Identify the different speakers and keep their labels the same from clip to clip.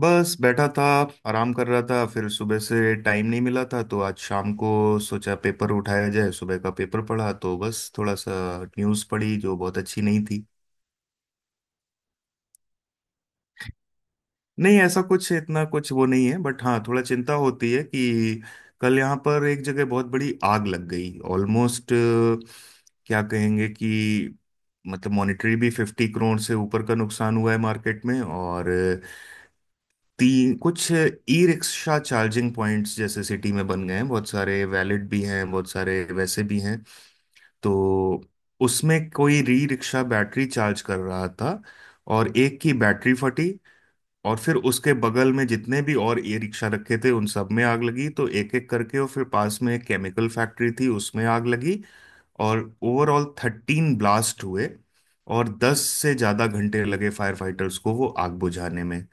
Speaker 1: बस बैठा था। आराम कर रहा था, फिर सुबह से टाइम नहीं मिला था तो आज शाम को सोचा पेपर उठाया जाए। सुबह का पेपर पढ़ा तो बस थोड़ा सा न्यूज़ पढ़ी जो बहुत अच्छी नहीं थी। नहीं, ऐसा कुछ इतना कुछ वो नहीं है, बट हाँ, थोड़ा चिंता होती है कि कल यहाँ पर एक जगह बहुत बड़ी आग लग गई। ऑलमोस्ट क्या कहेंगे कि मतलब मॉनेटरी भी 50 करोड़ से ऊपर का नुकसान हुआ है मार्केट में। और तीन कुछ ई रिक्शा चार्जिंग पॉइंट्स जैसे सिटी में बन गए हैं। बहुत सारे वैलिड भी हैं, बहुत सारे वैसे भी हैं। तो उसमें कोई ई रिक्शा बैटरी चार्ज कर रहा था, और एक की बैटरी फटी। और फिर उसके बगल में जितने भी और ई रिक्शा रखे थे उन सब में आग लगी, तो एक एक करके, और फिर पास में एक केमिकल फैक्ट्री थी उसमें आग लगी। और ओवरऑल 13 ब्लास्ट हुए। और 10 से ज्यादा घंटे लगे फायर फाइटर्स को वो आग बुझाने में।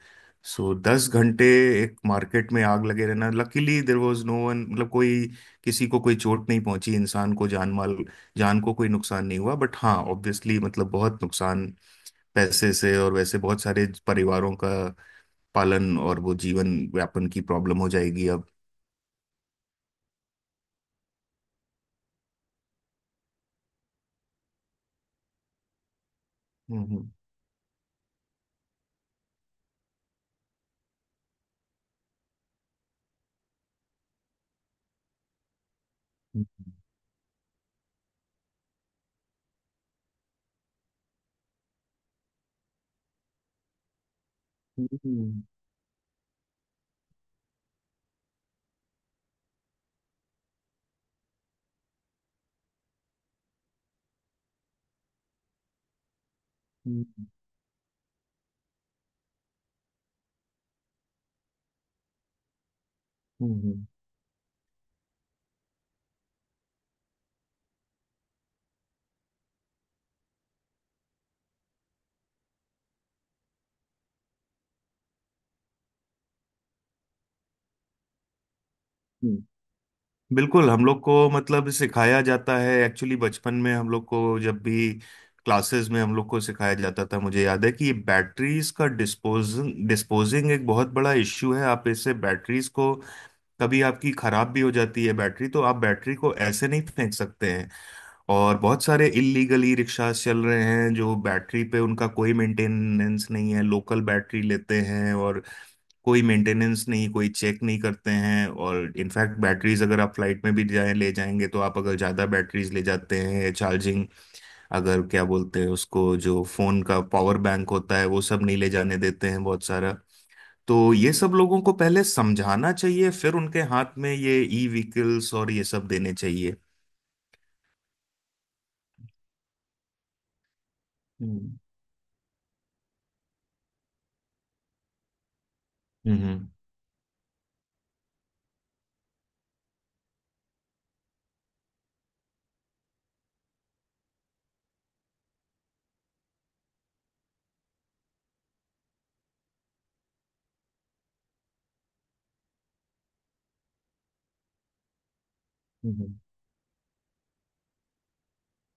Speaker 1: सो 10 घंटे एक मार्केट में आग लगे रहना। Luckily there was no one, मतलब कोई, किसी को कोई चोट नहीं पहुंची, इंसान को जान माल, जान को कोई नुकसान नहीं हुआ। बट हाँ, ऑब्वियसली मतलब बहुत नुकसान पैसे से, और वैसे बहुत सारे परिवारों का पालन और वो जीवन यापन की प्रॉब्लम हो जाएगी अब। हम्म। हम्म। हम्म। हम्म। हम्म। हम्म। हम्म। बिल्कुल, हम लोग को मतलब सिखाया जाता है एक्चुअली। बचपन में हम लोग को जब भी क्लासेस में हम लोग को सिखाया जाता था, मुझे याद है, कि ये बैटरीज का डिस्पोजिंग एक बहुत बड़ा इश्यू है। आप इससे बैटरीज को, कभी आपकी खराब भी हो जाती है बैटरी, तो आप बैटरी को ऐसे नहीं फेंक सकते हैं। और बहुत सारे इलीगली रिक्शा चल रहे हैं जो बैटरी पे, उनका कोई मेंटेनेंस नहीं है, लोकल बैटरी लेते हैं और कोई मेंटेनेंस नहीं, कोई चेक नहीं करते हैं। और इनफैक्ट बैटरीज, अगर आप फ्लाइट में भी जाएं, ले जाएंगे तो आप, अगर ज़्यादा बैटरीज ले जाते हैं चार्जिंग, अगर क्या बोलते हैं उसको, जो फ़ोन का पावर बैंक होता है, वो सब नहीं ले जाने देते हैं बहुत सारा। तो ये सब लोगों को पहले समझाना चाहिए, फिर उनके हाथ में ये ई व्हीकल्स और ये सब देने चाहिए। हम्म। हम्म। हम्म।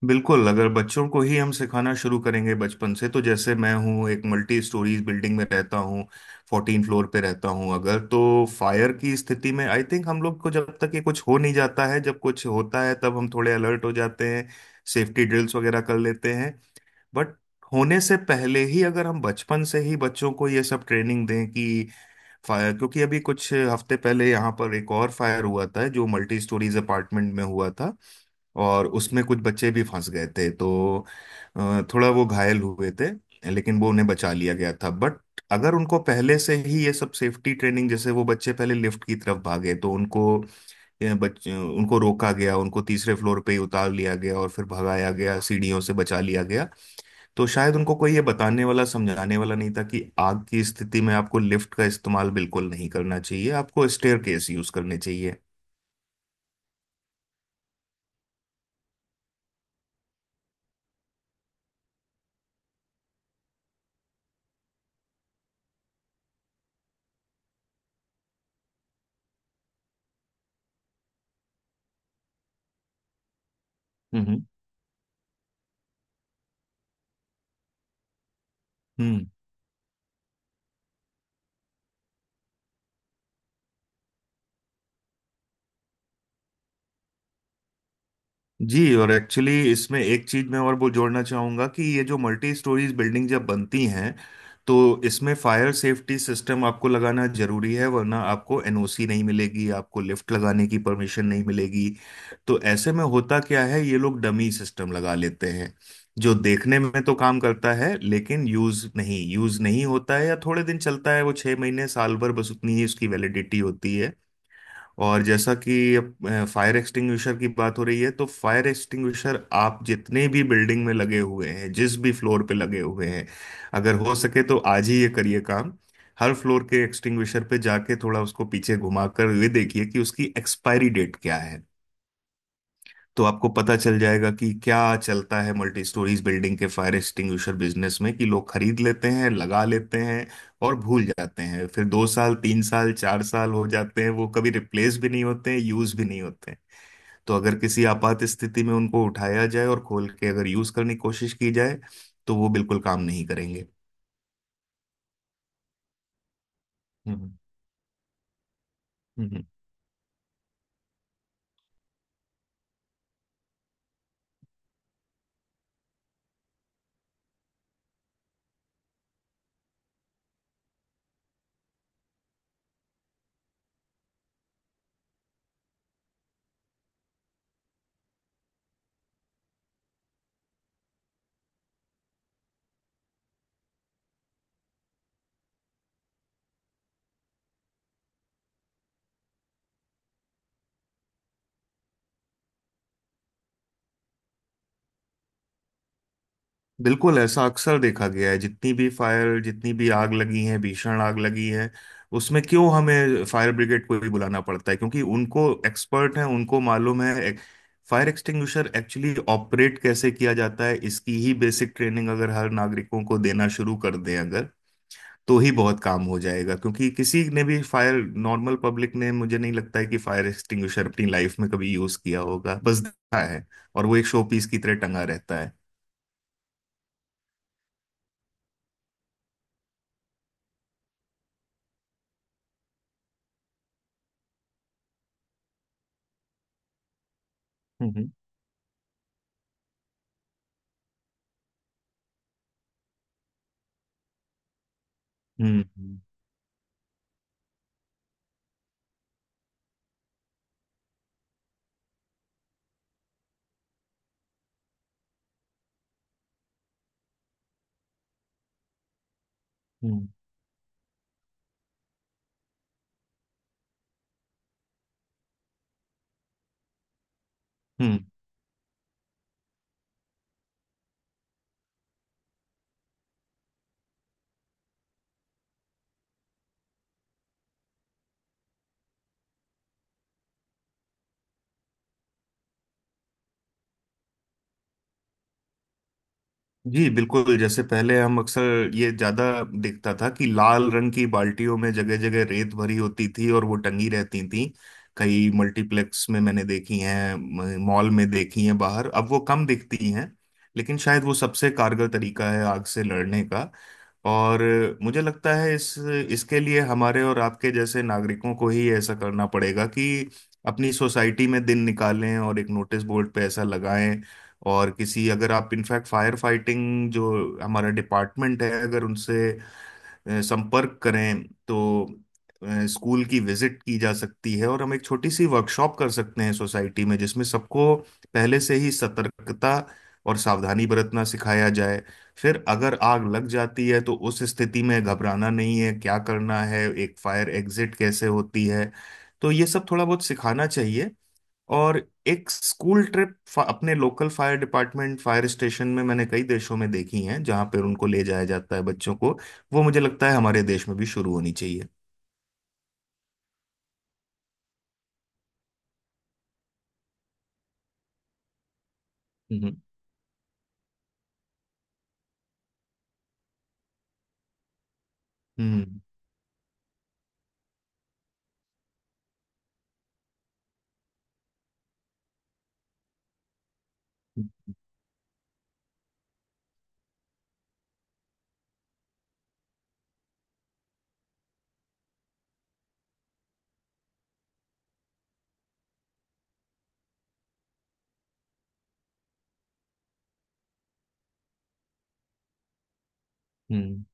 Speaker 1: बिल्कुल, अगर बच्चों को ही हम सिखाना शुरू करेंगे बचपन से, तो जैसे मैं हूँ, एक मल्टी स्टोरीज बिल्डिंग में रहता हूँ, 14 फ्लोर पे रहता हूँ, अगर तो फायर की स्थिति में, आई थिंक हम लोग को, जब तक ये कुछ हो नहीं जाता है, जब कुछ होता है तब हम थोड़े अलर्ट हो जाते हैं, सेफ्टी ड्रिल्स वगैरह कर लेते हैं। बट होने से पहले ही अगर हम बचपन से ही बच्चों को ये सब ट्रेनिंग दें कि फायर, क्योंकि अभी कुछ हफ्ते पहले यहाँ पर एक और फायर हुआ था जो मल्टी स्टोरीज अपार्टमेंट में हुआ था, और उसमें कुछ बच्चे भी फंस गए थे, तो थोड़ा वो घायल हुए थे, लेकिन वो उन्हें बचा लिया गया था। बट अगर उनको पहले से ही ये सब सेफ्टी ट्रेनिंग, जैसे वो बच्चे पहले लिफ्ट की तरफ भागे, तो उनको उनको रोका गया, उनको तीसरे फ्लोर पे ही उतार लिया गया और फिर भगाया गया सीढ़ियों से, बचा लिया गया। तो शायद उनको कोई ये बताने वाला समझाने वाला नहीं था कि आग की स्थिति में आपको लिफ्ट का इस्तेमाल बिल्कुल नहीं करना चाहिए, आपको स्टेयर केस यूज करने चाहिए। हम्म। हम्म। जी, और एक्चुअली इसमें एक चीज मैं और वो जोड़ना चाहूंगा कि ये जो मल्टी स्टोरीज बिल्डिंग जब बनती हैं, तो इसमें फायर सेफ्टी सिस्टम आपको लगाना जरूरी है, वरना आपको एनओसी नहीं मिलेगी, आपको लिफ्ट लगाने की परमिशन नहीं मिलेगी। तो ऐसे में होता क्या है, ये लोग डमी सिस्टम लगा लेते हैं, जो देखने में तो काम करता है लेकिन यूज नहीं होता है, या थोड़े दिन चलता है, वो 6 महीने साल भर, बस उतनी ही उसकी वैलिडिटी होती है। और जैसा कि फायर एक्सटिंग्विशर की बात हो रही है, तो फायर एक्सटिंग्विशर आप जितने भी बिल्डिंग में लगे हुए हैं, जिस भी फ्लोर पे लगे हुए हैं, अगर हो सके तो आज ही ये करिए काम, हर फ्लोर के एक्सटिंग्विशर पे जाके थोड़ा उसको पीछे घुमाकर ये देखिए कि उसकी एक्सपायरी डेट क्या है। तो आपको पता चल जाएगा कि क्या चलता है मल्टी स्टोरीज बिल्डिंग के फायर एक्सटिंग्विशर बिजनेस में, कि लोग खरीद लेते हैं, लगा लेते हैं और भूल जाते हैं, फिर 2 साल 3 साल 4 साल हो जाते हैं, वो कभी रिप्लेस भी नहीं होते हैं, यूज भी नहीं होते हैं। तो अगर किसी आपात स्थिति में उनको उठाया जाए और खोल के अगर यूज करने की कोशिश की जाए, तो वो बिल्कुल काम नहीं करेंगे। हम्म। हम्म। बिल्कुल, ऐसा अक्सर देखा गया है जितनी भी फायर, जितनी भी आग लगी है, भीषण आग लगी है, उसमें क्यों हमें फायर ब्रिगेड को भी बुलाना पड़ता है, क्योंकि उनको, एक्सपर्ट हैं, उनको मालूम है फायर एक्सटिंग्विशर एक्चुअली ऑपरेट कैसे किया जाता है। इसकी ही बेसिक ट्रेनिंग अगर हर नागरिकों को देना शुरू कर दें, अगर, तो ही बहुत काम हो जाएगा। क्योंकि किसी ने भी फायर, नॉर्मल पब्लिक ने, मुझे नहीं लगता है कि फायर एक्सटिंग्विशर अपनी लाइफ में कभी यूज किया होगा, बस देखा है, और वो एक शो पीस की तरह टंगा रहता है। हम्म। हम्म। हम्म। हम्म। हम्म। जी बिल्कुल, जैसे पहले हम अक्सर ये ज्यादा देखता था कि लाल रंग की बाल्टियों में जगह जगह रेत भरी होती थी, और वो टंगी रहती थी। कई मल्टीप्लेक्स में मैंने देखी हैं, मॉल में देखी हैं बाहर, अब वो कम दिखती हैं। लेकिन शायद वो सबसे कारगर तरीका है आग से लड़ने का। और मुझे लगता है इस इसके लिए हमारे और आपके जैसे नागरिकों को ही ऐसा करना पड़ेगा, कि अपनी सोसाइटी में दिन निकालें और एक नोटिस बोर्ड पे ऐसा लगाएं, और किसी, अगर आप इनफैक्ट फायर फाइटिंग जो हमारा डिपार्टमेंट है, अगर उनसे संपर्क करें, तो स्कूल की विजिट की जा सकती है, और हम एक छोटी सी वर्कशॉप कर सकते हैं सोसाइटी में, जिसमें सबको पहले से ही सतर्कता और सावधानी बरतना सिखाया जाए। फिर अगर आग लग जाती है, तो उस स्थिति में घबराना नहीं है, क्या करना है, एक फायर एग्जिट कैसे होती है, तो ये सब थोड़ा बहुत सिखाना चाहिए। और एक स्कूल ट्रिप अपने local fire department, fire station में, मैंने कई देशों में देखी हैं, जहां पर उनको ले जाया जाता है, बच्चों को। वो मुझे लगता है हमारे देश में भी शुरू होनी चाहिए। हम्म। हम्म। हम्म।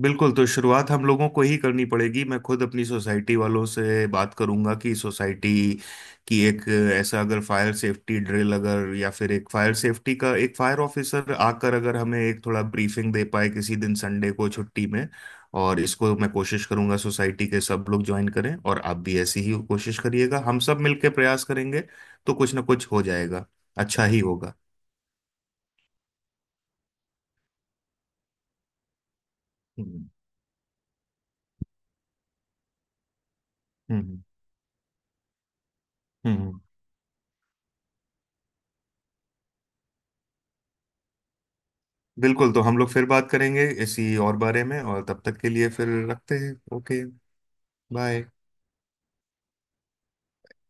Speaker 1: बिल्कुल, तो शुरुआत हम लोगों को ही करनी पड़ेगी। मैं खुद अपनी सोसाइटी वालों से बात करूंगा कि सोसाइटी की एक, ऐसा अगर फायर सेफ्टी ड्रिल, अगर, या फिर एक फायर सेफ्टी का एक फायर ऑफिसर आकर अगर हमें एक थोड़ा ब्रीफिंग दे पाए, किसी दिन संडे को छुट्टी में, और इसको मैं कोशिश करूंगा सोसाइटी के सब लोग ज्वाइन करें, और आप भी ऐसी ही कोशिश करिएगा, हम सब मिलकर प्रयास करेंगे, तो कुछ ना कुछ हो जाएगा, अच्छा ही होगा। हम्म। हम्म। हम्म। बिल्कुल, तो हम लोग फिर बात करेंगे इसी और बारे में, और तब तक के लिए फिर रखते हैं, ओके। बाय।